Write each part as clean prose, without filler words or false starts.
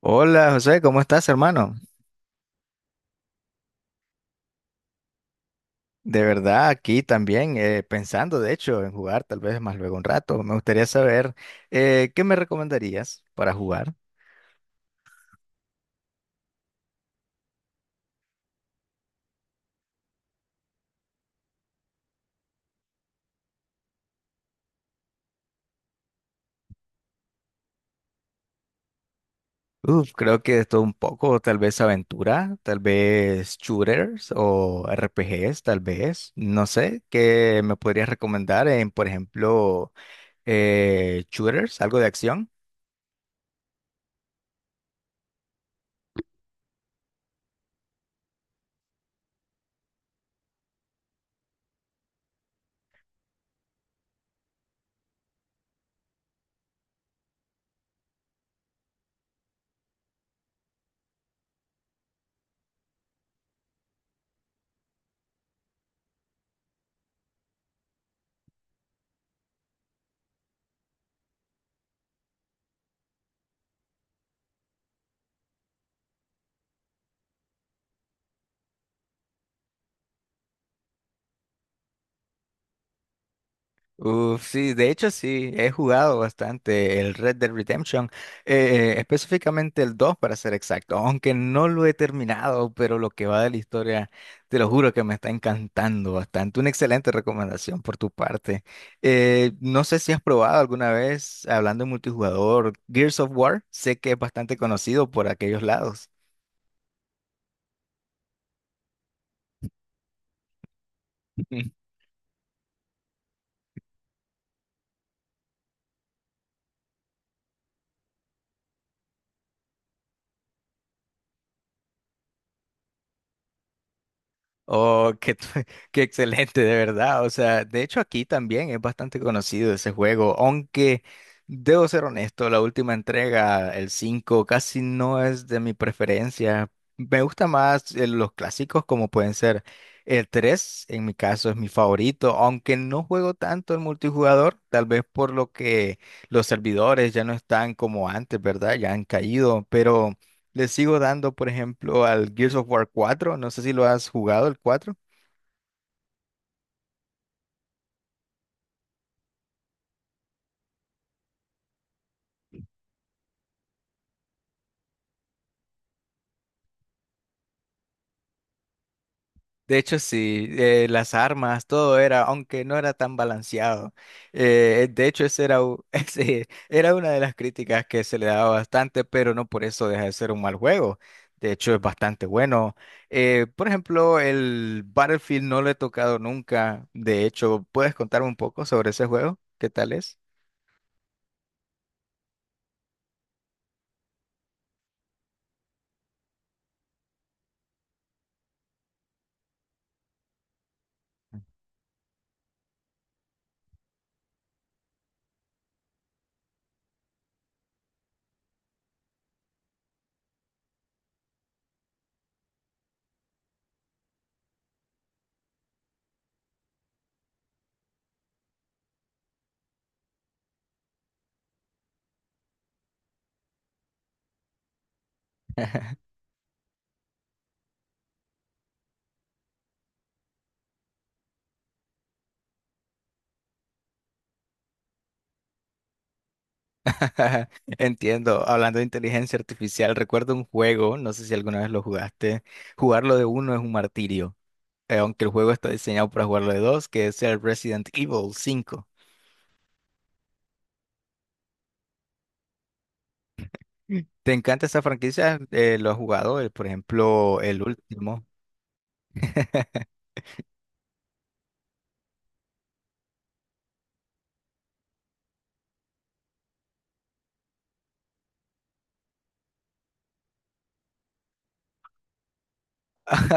Hola José, ¿cómo estás, hermano? De verdad, aquí también pensando, de hecho, en jugar tal vez más luego un rato. Me gustaría saber qué me recomendarías para jugar. Uf, creo que esto un poco, tal vez aventura, tal vez shooters o RPGs, tal vez. No sé, ¿qué me podrías recomendar en, por ejemplo, shooters, algo de acción? Uf, sí, de hecho sí, he jugado bastante el Red Dead Redemption, específicamente el 2 para ser exacto, aunque no lo he terminado, pero lo que va de la historia, te lo juro que me está encantando bastante. Una excelente recomendación por tu parte. No sé si has probado alguna vez, hablando de multijugador, Gears of War, sé que es bastante conocido por aquellos lados. Oh, qué, qué excelente, de verdad. O sea, de hecho aquí también es bastante conocido ese juego, aunque debo ser honesto, la última entrega, el 5, casi no es de mi preferencia. Me gusta más los clásicos como pueden ser el 3, en mi caso es mi favorito, aunque no juego tanto el multijugador, tal vez por lo que los servidores ya no están como antes, ¿verdad? Ya han caído, pero... Le sigo dando, por ejemplo, al Gears of War 4. No sé si lo has jugado, el 4. De hecho, sí, las armas, todo era, aunque no era tan balanceado. De hecho, ese era, ese era una de las críticas que se le daba bastante, pero no por eso deja de ser un mal juego. De hecho, es bastante bueno. Por ejemplo, el Battlefield no lo he tocado nunca. De hecho, ¿puedes contarme un poco sobre ese juego? ¿Qué tal es? Ajá, entiendo. Hablando de inteligencia artificial, recuerdo un juego, no sé si alguna vez lo jugaste. Jugarlo de uno es un martirio, aunque el juego está diseñado para jugarlo de dos, que es el Resident Evil cinco. Mm. ¿Te encanta esta franquicia? ¿Lo has jugado? Por ejemplo, el último.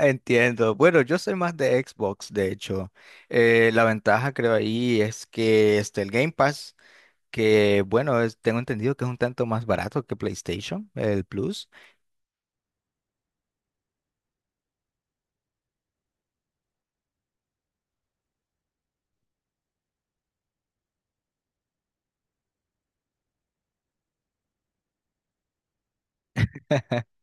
Entiendo. Bueno, yo soy más de Xbox, de hecho. La ventaja creo ahí es que este, el Game Pass, que bueno, tengo entendido que es un tanto más barato que PlayStation, el Plus.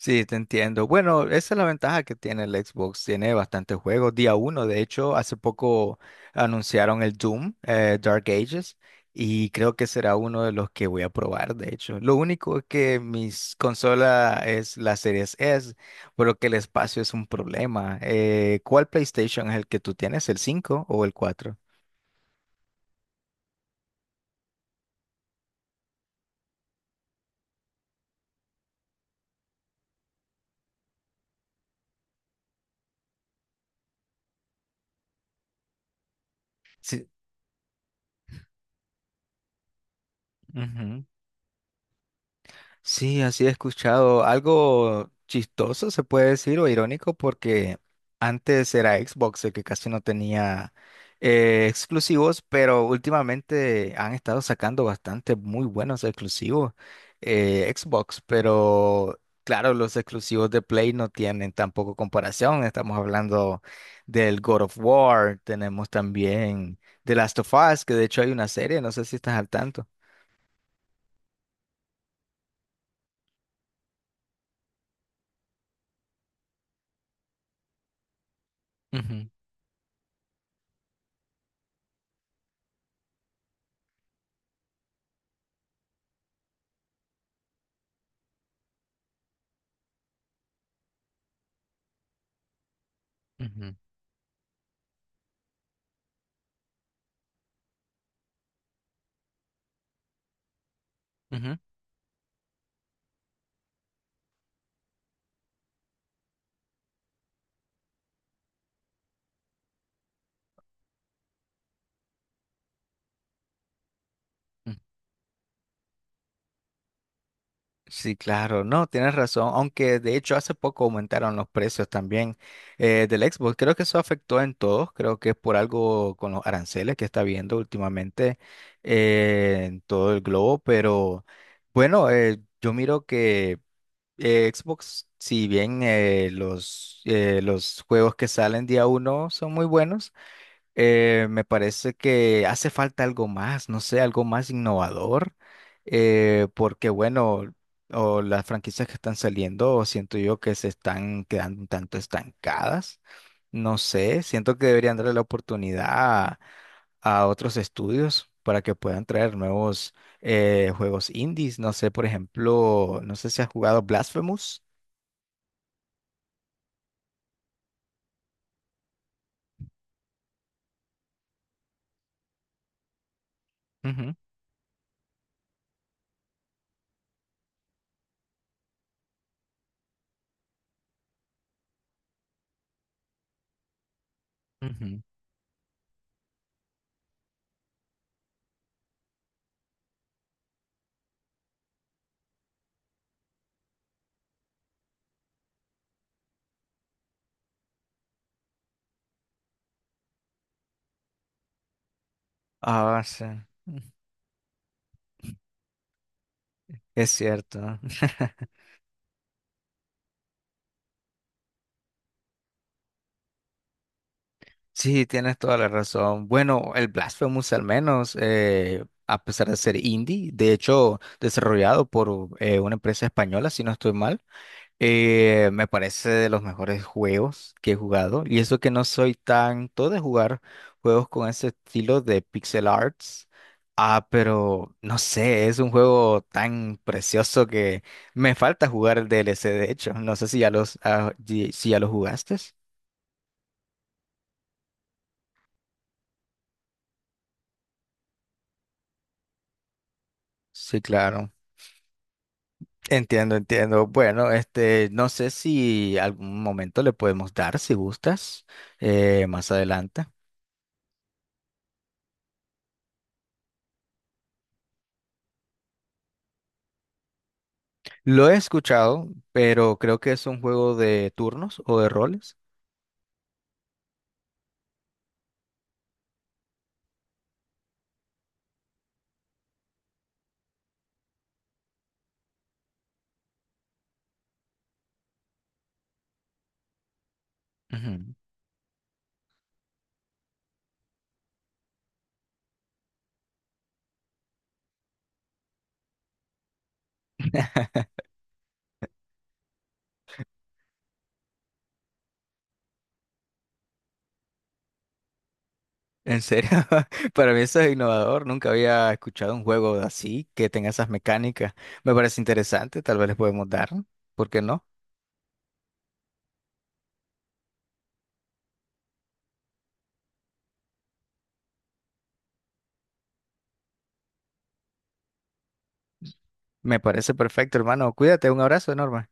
Sí, te entiendo. Bueno, esa es la ventaja que tiene el Xbox. Tiene bastantes juegos. Día uno, de hecho, hace poco anunciaron el Doom, Dark Ages, y creo que será uno de los que voy a probar, de hecho. Lo único es que mis consola es la Series S, por lo que el espacio es un problema. ¿Cuál PlayStation es el que tú tienes? ¿El 5 o el cuatro? Sí. Sí, así he escuchado algo chistoso, se puede decir, o irónico, porque antes era Xbox el que casi no tenía exclusivos, pero últimamente han estado sacando bastante muy buenos exclusivos Xbox, pero claro, los exclusivos de Play no tienen tampoco comparación. Estamos hablando del God of War, tenemos también The Last of Us, que de hecho hay una serie, no sé si estás al tanto. Ujú, ujú, ujú, ujú. Sí, claro, no, tienes razón, aunque de hecho hace poco aumentaron los precios también del Xbox, creo que eso afectó en todos, creo que es por algo con los aranceles que está viendo últimamente en todo el globo, pero bueno, yo miro que Xbox, si bien los juegos que salen día uno son muy buenos, me parece que hace falta algo más, no sé, algo más innovador, porque bueno, o las franquicias que están saliendo, siento yo que se están quedando un tanto estancadas, no sé, siento que deberían darle la oportunidad a otros estudios para que puedan traer nuevos juegos indies, no sé, por ejemplo, no sé si has jugado Blasphemous. Ujú. Ujú. Ah, sí. Es cierto. Sí, tienes toda la razón. Bueno, el Blasphemous al menos, a pesar de ser indie, de hecho desarrollado por una empresa española, si no estoy mal, me parece de los mejores juegos que he jugado. Y eso que no soy tanto de jugar juegos con ese estilo de pixel arts. Ah, pero no sé, es un juego tan precioso que me falta jugar el DLC, de hecho. No sé si ya los, ah, si ya lo jugaste. Sí, claro. Entiendo, entiendo. Bueno, este, no sé si algún momento le podemos dar, si gustas, más adelante. Lo he escuchado, pero creo que es un juego de turnos o de roles. Ujú. ¿En serio? Para mí eso es innovador. Nunca había escuchado un juego así que tenga esas mecánicas. Me parece interesante. Tal vez les podemos dar. ¿Por qué no? Me parece perfecto, hermano. Cuídate. Un abrazo enorme.